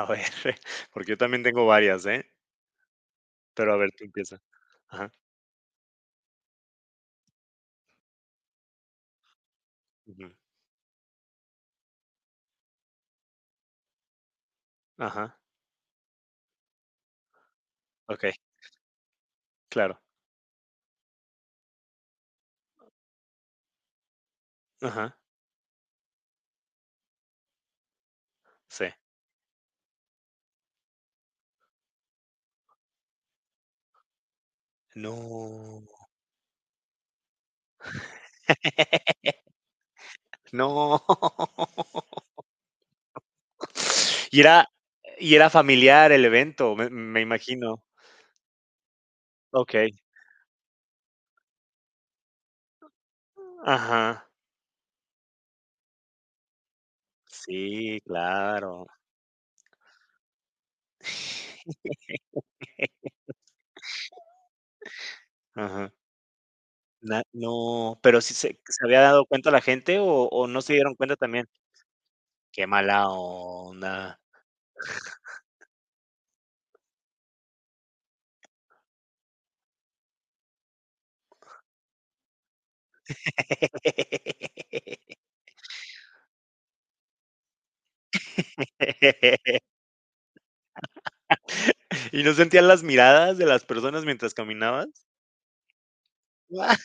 A ver, porque yo también tengo varias, ¿eh? Pero a ver, tú empieza. Ajá, ujú, ajá, okey, claro, ajá, sí. No. No. Y era y era familiar el evento, me imagino. Okey, ajá, sí, claro. Ajá, na no, pero, si se había dado cuenta la gente o no se dieron cuenta también? Qué mala onda. ¿Y no sentías las miradas de las personas mientras caminabas? Ah,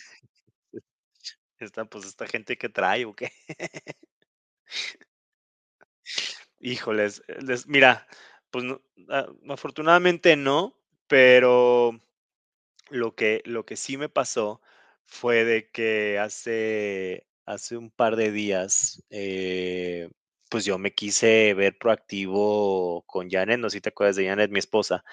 esta, pues, esta gente que trae o qué. Híjoles, mira, pues no, afortunadamente no, pero lo que sí me pasó fue de que hace un par de días, pues yo me quise ver proactivo con Janet, no sé si te acuerdas de Janet, mi esposa.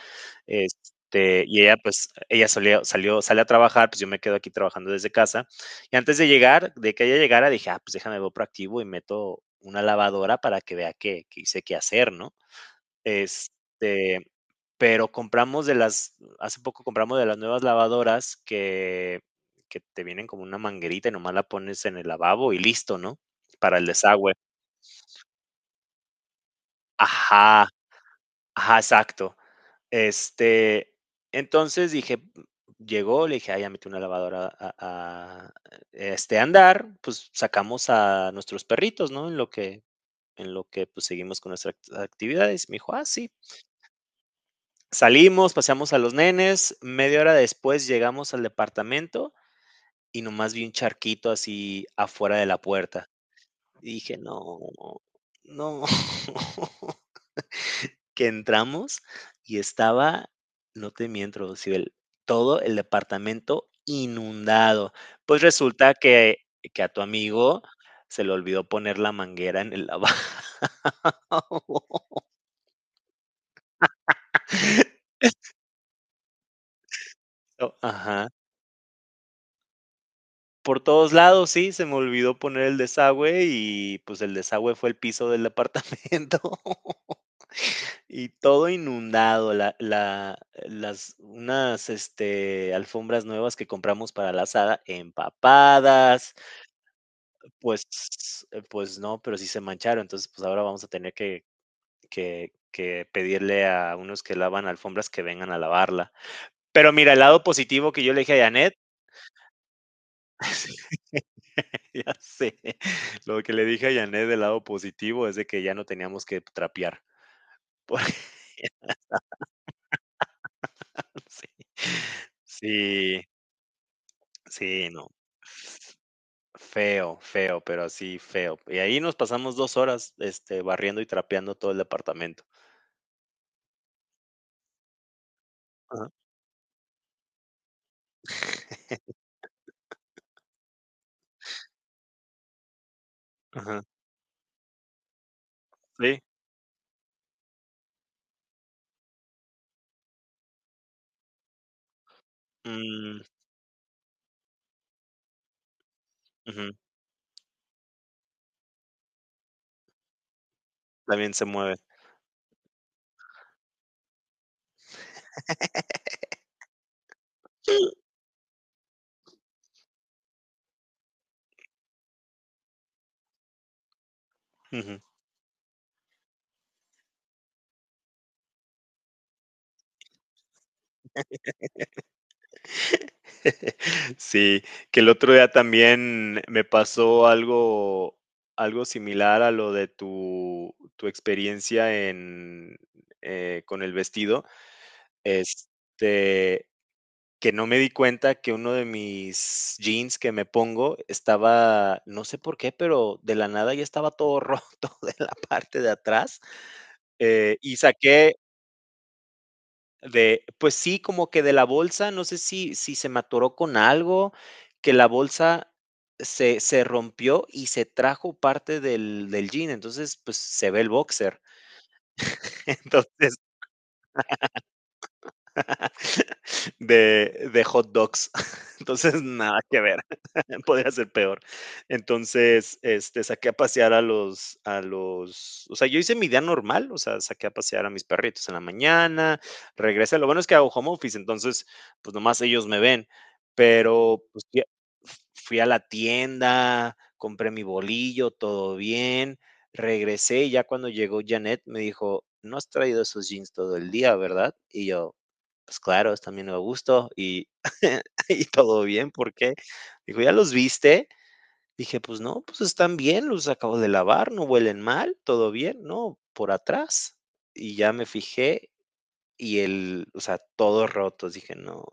Y ella, pues, ella salió, sale a trabajar, pues yo me quedo aquí trabajando desde casa. Y antes de llegar, de que ella llegara, dije, ah, pues déjame, veo proactivo y meto una lavadora para que vea que hice qué hacer, ¿no? Este, pero hace poco compramos de las nuevas lavadoras que te vienen como una manguerita y nomás la pones en el lavabo y listo, ¿no? Para el desagüe. Ajá, ajá, exacto. Este, entonces dije, llegó, le dije, ah, ya metí una lavadora a andar, pues sacamos a nuestros perritos, ¿no? En lo que pues seguimos con nuestras actividades. Me dijo, ah, sí. Salimos, paseamos a los nenes, media hora después llegamos al departamento y nomás vi un charquito así afuera de la puerta. Y dije, no, no. Que entramos y estaba, no te miento, Rocibel, todo el departamento inundado. Pues resulta que a tu amigo se le olvidó poner la manguera en el lavabo. Oh, ajá. Por todos lados, sí, se me olvidó poner el desagüe y, pues, el desagüe fue el piso del departamento. Y todo inundado, la las unas, alfombras nuevas que compramos para la asada empapadas, pues pues no, pero sí se mancharon. Entonces, pues ahora vamos a tener que pedirle a unos que lavan alfombras que vengan a lavarla. Pero mira, el lado positivo que yo le dije a Janet, ya sé, lo que le dije a Janet del lado positivo es de que ya no teníamos que trapear. Porque sí. Sí, sí, no. Feo, feo, pero así feo. Y ahí nos pasamos 2 horas, barriendo y trapeando todo el departamento. Ajá, ajá, sí, mm, ujú, también se mueve. Ujú. Sí, que el otro día también me pasó algo similar a lo de tu experiencia en, con el vestido. Este, que no me di cuenta que uno de mis jeans que me pongo estaba, no sé por qué, pero de la nada ya estaba todo roto de la parte de atrás. Y saqué de, pues sí, como que de la bolsa, no sé si se me atoró con algo, que la bolsa se rompió y se trajo parte del, del jean. Entonces, pues se ve el boxer. Entonces, de hot dogs. Entonces, nada que ver. Podría ser peor. Entonces, saqué a pasear a los, o sea, yo hice mi día normal, o sea, saqué a pasear a mis perritos en la mañana, regresé. Lo bueno es que hago home office, entonces, pues nomás ellos me ven. Pero pues, fui a la tienda, compré mi bolillo, todo bien. Regresé y ya cuando llegó Janet me dijo, no has traído esos jeans todo el día, ¿verdad? Y yo, pues claro, también bien a gusto y y todo bien, ¿por qué? Dijo: "¿Ya los viste?". Dije: "Pues no, pues están bien, los acabo de lavar, no huelen mal, todo bien". "No, por atrás". Y ya me fijé y el o sea, todos rotos, dije: "No".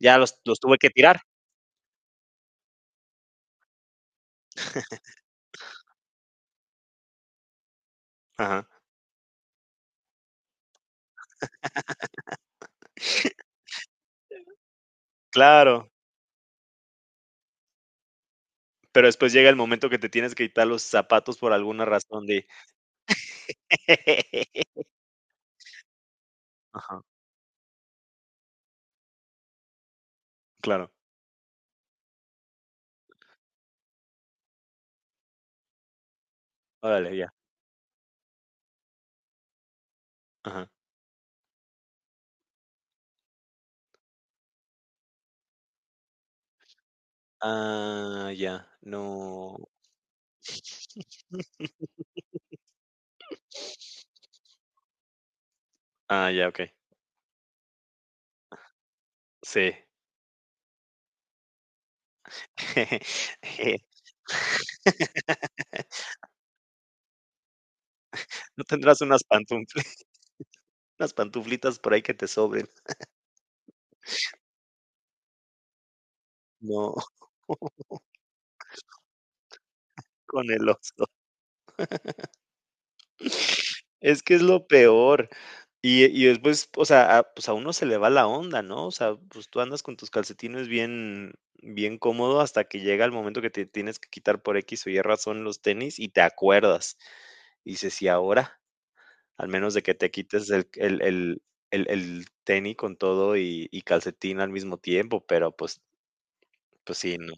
Ya los tuve que tirar. Ajá. Claro, pero después llega el momento que te tienes que quitar los zapatos por alguna razón de Ajá, claro. Órale, ya. Ajá. Ah, ya, no. Ah, ya, okey. Sí. Eh, ¿no tendrás unas pantufli unas pantuflitas por ahí que te sobren? No, con el oso. Es que es lo peor. Y después, o sea, a pues, a uno se le va la onda, ¿no? O sea, pues, tú andas con tus calcetines bien cómodo hasta que llega el momento que te tienes que quitar por equis o y razón los tenis y te acuerdas. Y dices: "¿Y ahora?". Al menos de que te quites el tenis con todo y calcetín al mismo tiempo, pero, pues pues sí, no.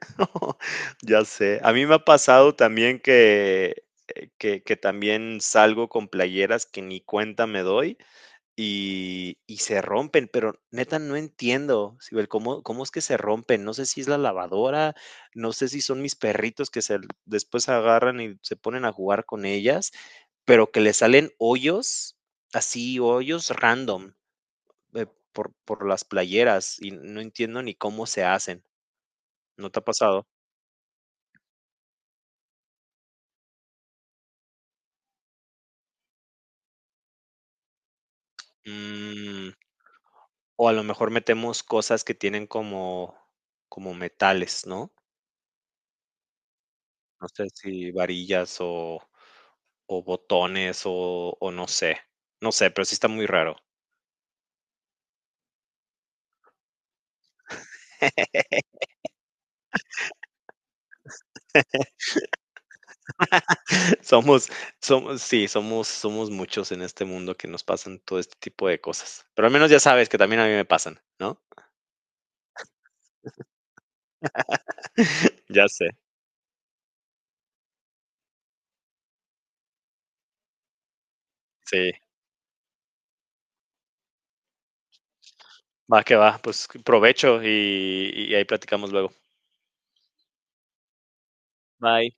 Ya sé. A mí me ha pasado también que también salgo con playeras que ni cuenta me doy y se rompen, pero neta no entiendo, Sibel, cómo es que se rompen. No sé si es la lavadora, no sé si son mis perritos que se, después agarran y se ponen a jugar con ellas, pero que le salen hoyos, así hoyos random, eh, por las playeras y no entiendo ni cómo se hacen. ¿No te ha pasado? Mm, o a lo mejor metemos cosas que tienen como metales, ¿no? No sé si varillas o botones o no sé. No sé, pero sí está muy raro. Somos Somos sí, somos muchos en este mundo que nos pasan todo este tipo de cosas. Pero al menos ya sabes que también a mí me pasan, ¿no? Ya sé, sí. Va que va, pues provecho y ahí platicamos luego. Bye.